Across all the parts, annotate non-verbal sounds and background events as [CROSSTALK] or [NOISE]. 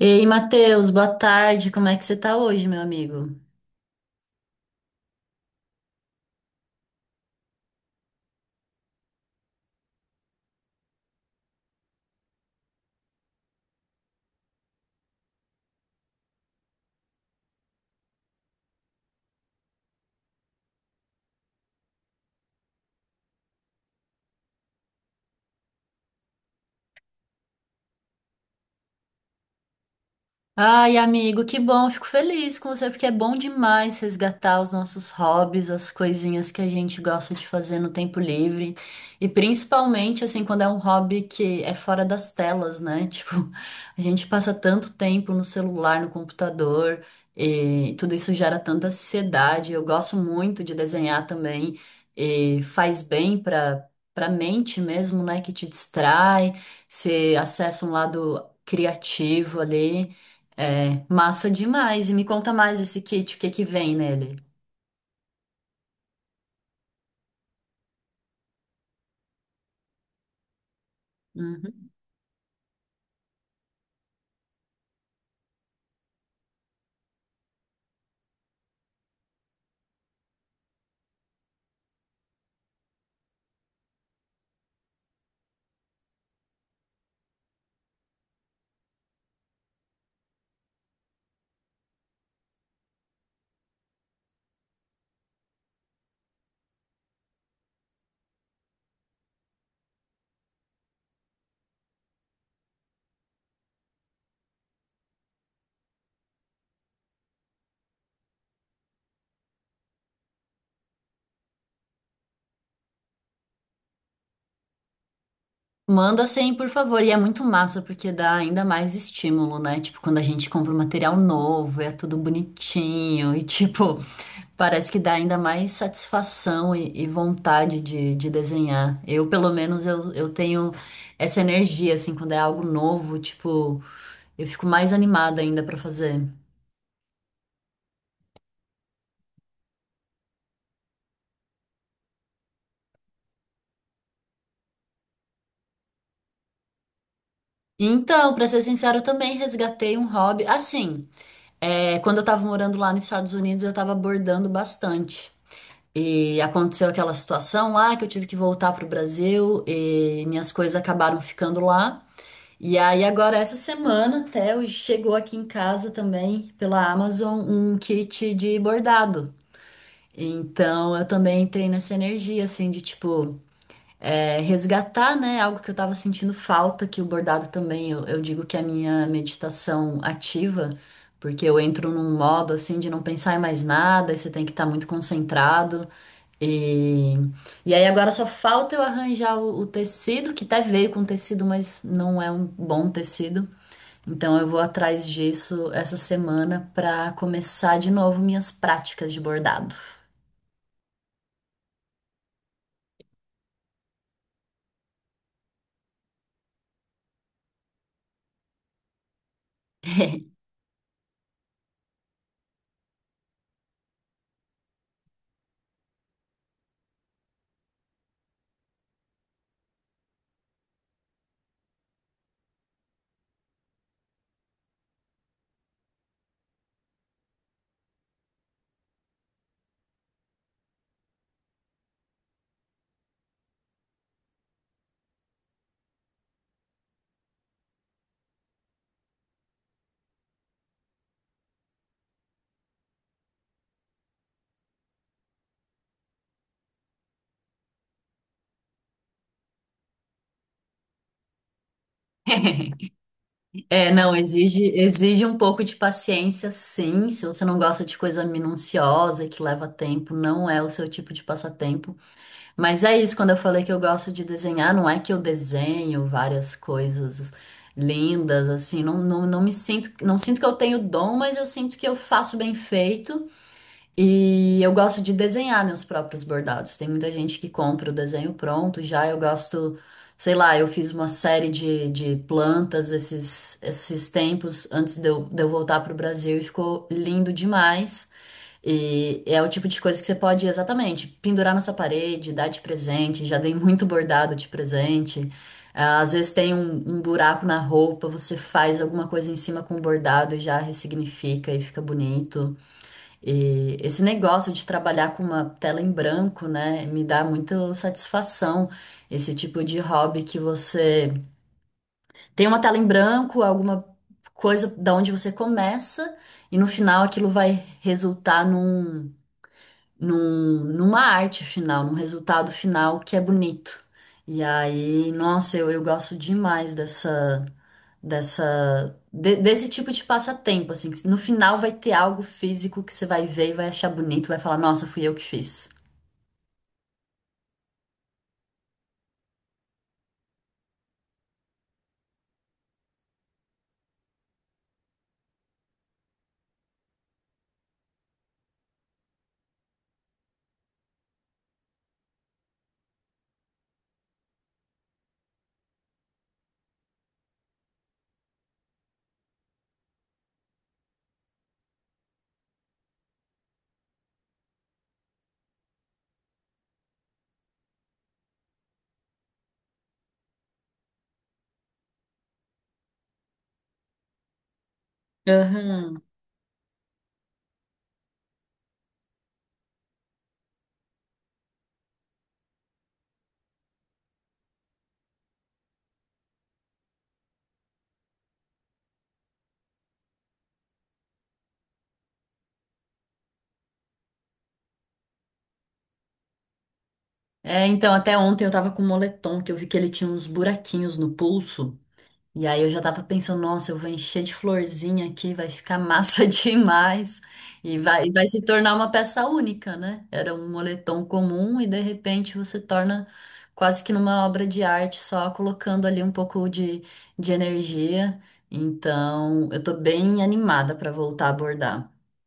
E aí, Matheus, boa tarde. Como é que você tá hoje, meu amigo? Ai, amigo, que bom, fico feliz com você, porque é bom demais resgatar os nossos hobbies, as coisinhas que a gente gosta de fazer no tempo livre. E principalmente, assim, quando é um hobby que é fora das telas, né? [LAUGHS] Tipo, a gente passa tanto tempo no celular, no computador, e tudo isso gera tanta ansiedade. Eu gosto muito de desenhar também, e faz bem para para mente mesmo, né? Que te distrai, você acessa um lado criativo ali. É, massa demais. E me conta mais esse kit, o que que vem nele? Uhum. Manda sem, por favor. E é muito massa porque dá ainda mais estímulo, né? Tipo, quando a gente compra um material novo, é tudo bonitinho e tipo, [LAUGHS] parece que dá ainda mais satisfação e vontade de desenhar. Eu, pelo menos, eu tenho essa energia, assim, quando é algo novo, tipo, eu fico mais animada ainda pra fazer. Então, pra ser sincero, eu também resgatei um hobby. Assim. É, quando eu estava morando lá nos Estados Unidos, eu estava bordando bastante. E aconteceu aquela situação lá que eu tive que voltar para o Brasil e minhas coisas acabaram ficando lá. E aí, agora, essa semana, até hoje, chegou aqui em casa também, pela Amazon, um kit de bordado. Então, eu também entrei nessa energia, assim, de tipo é, resgatar, né, algo que eu estava sentindo falta, que o bordado também, eu digo que é a minha meditação ativa, porque eu entro num modo assim de não pensar em mais nada, e você tem que estar muito concentrado. E, e aí agora só falta eu arranjar o tecido, que até veio com tecido, mas não é um bom tecido. Então eu vou atrás disso essa semana para começar de novo minhas práticas de bordado. [LAUGHS] É, não, exige um pouco de paciência, sim. Se você não gosta de coisa minuciosa, e que leva tempo, não é o seu tipo de passatempo. Mas é isso, quando eu falei que eu gosto de desenhar, não é que eu desenho várias coisas lindas, assim, não, não, não me sinto, não sinto que eu tenho dom, mas eu sinto que eu faço bem feito. E eu gosto de desenhar meus próprios bordados. Tem muita gente que compra o desenho pronto, já eu gosto, sei lá, eu fiz uma série de plantas esses, esses tempos antes de eu voltar para o Brasil e ficou lindo demais. E é o tipo de coisa que você pode exatamente pendurar na sua parede, dar de presente. Já dei muito bordado de presente. Ah, às vezes tem um, um buraco na roupa, você faz alguma coisa em cima com o bordado e já ressignifica e fica bonito. E esse negócio de trabalhar com uma tela em branco, né, me dá muita satisfação. Esse tipo de hobby que você tem uma tela em branco, alguma coisa da onde você começa, e no final aquilo vai resultar numa arte final, num resultado final que é bonito. E aí, nossa, eu gosto demais desse tipo de passatempo, assim, que no final vai ter algo físico que você vai ver e vai achar bonito, vai falar, nossa, fui eu que fiz. Aham. É, então até ontem eu tava com um moletom que eu vi que ele tinha uns buraquinhos no pulso. E aí eu já tava pensando, nossa, eu vou encher de florzinha aqui, vai ficar massa [LAUGHS] demais. E vai, vai se tornar uma peça única, né? Era um moletom comum e de repente você torna quase que numa obra de arte, só colocando ali um pouco de energia. Então, eu tô bem animada para voltar a abordar. [LAUGHS]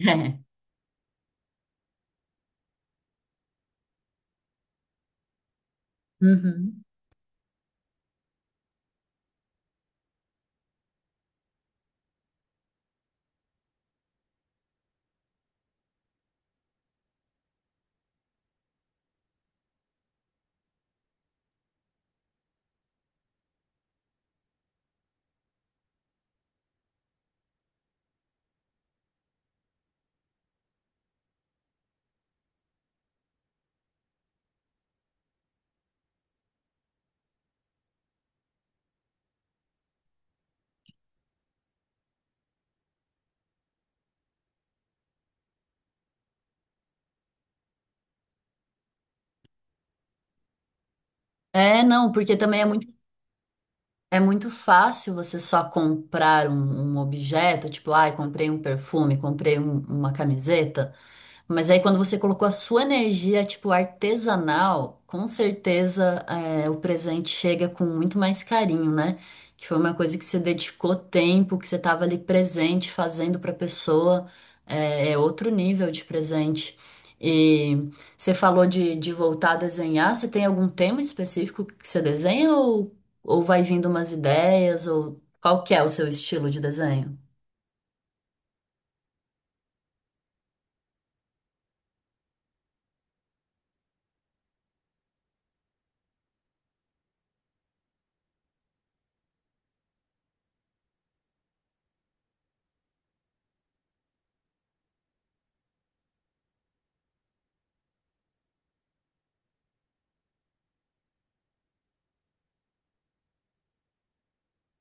É. Uhum. É, não, porque também é muito fácil você só comprar um, um objeto, tipo, ai, comprei um perfume, comprei um- uma camiseta. Mas aí quando você colocou a sua energia, tipo, artesanal, com certeza é, o presente chega com muito mais carinho, né? Que foi uma coisa que você dedicou tempo, que você estava ali presente, fazendo para a pessoa, é, é outro nível de presente. E você falou de voltar a desenhar, você tem algum tema específico que você desenha ou vai vindo umas ideias, ou qual que é o seu estilo de desenho?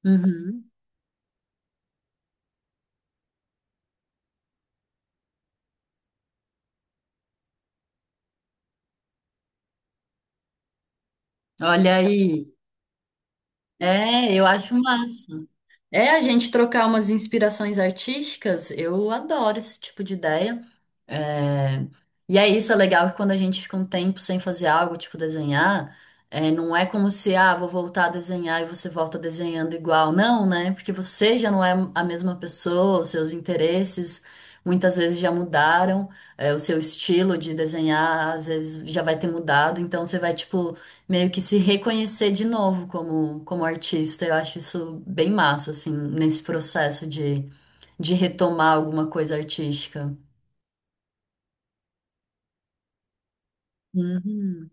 Uhum. Olha aí, é, eu acho massa. É a gente trocar umas inspirações artísticas, eu adoro esse tipo de ideia. É, e é isso, é legal que quando a gente fica um tempo sem fazer algo, tipo desenhar, é, não é como se, ah, vou voltar a desenhar e você volta desenhando igual. Não, né? Porque você já não é a mesma pessoa, os seus interesses muitas vezes já mudaram, é, o seu estilo de desenhar às vezes já vai ter mudado, então você vai, tipo meio que se reconhecer de novo como, como artista. Eu acho isso bem massa, assim, nesse processo de retomar alguma coisa artística. Uhum.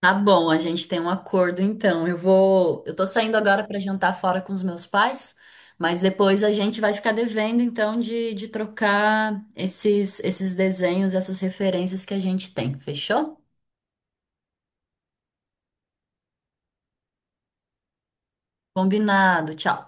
Tá bom, a gente tem um acordo então. Eu vou, eu tô saindo agora para jantar fora com os meus pais, mas depois a gente vai ficar devendo então de trocar esses desenhos, essas referências que a gente tem. Fechou? Combinado. Tchau.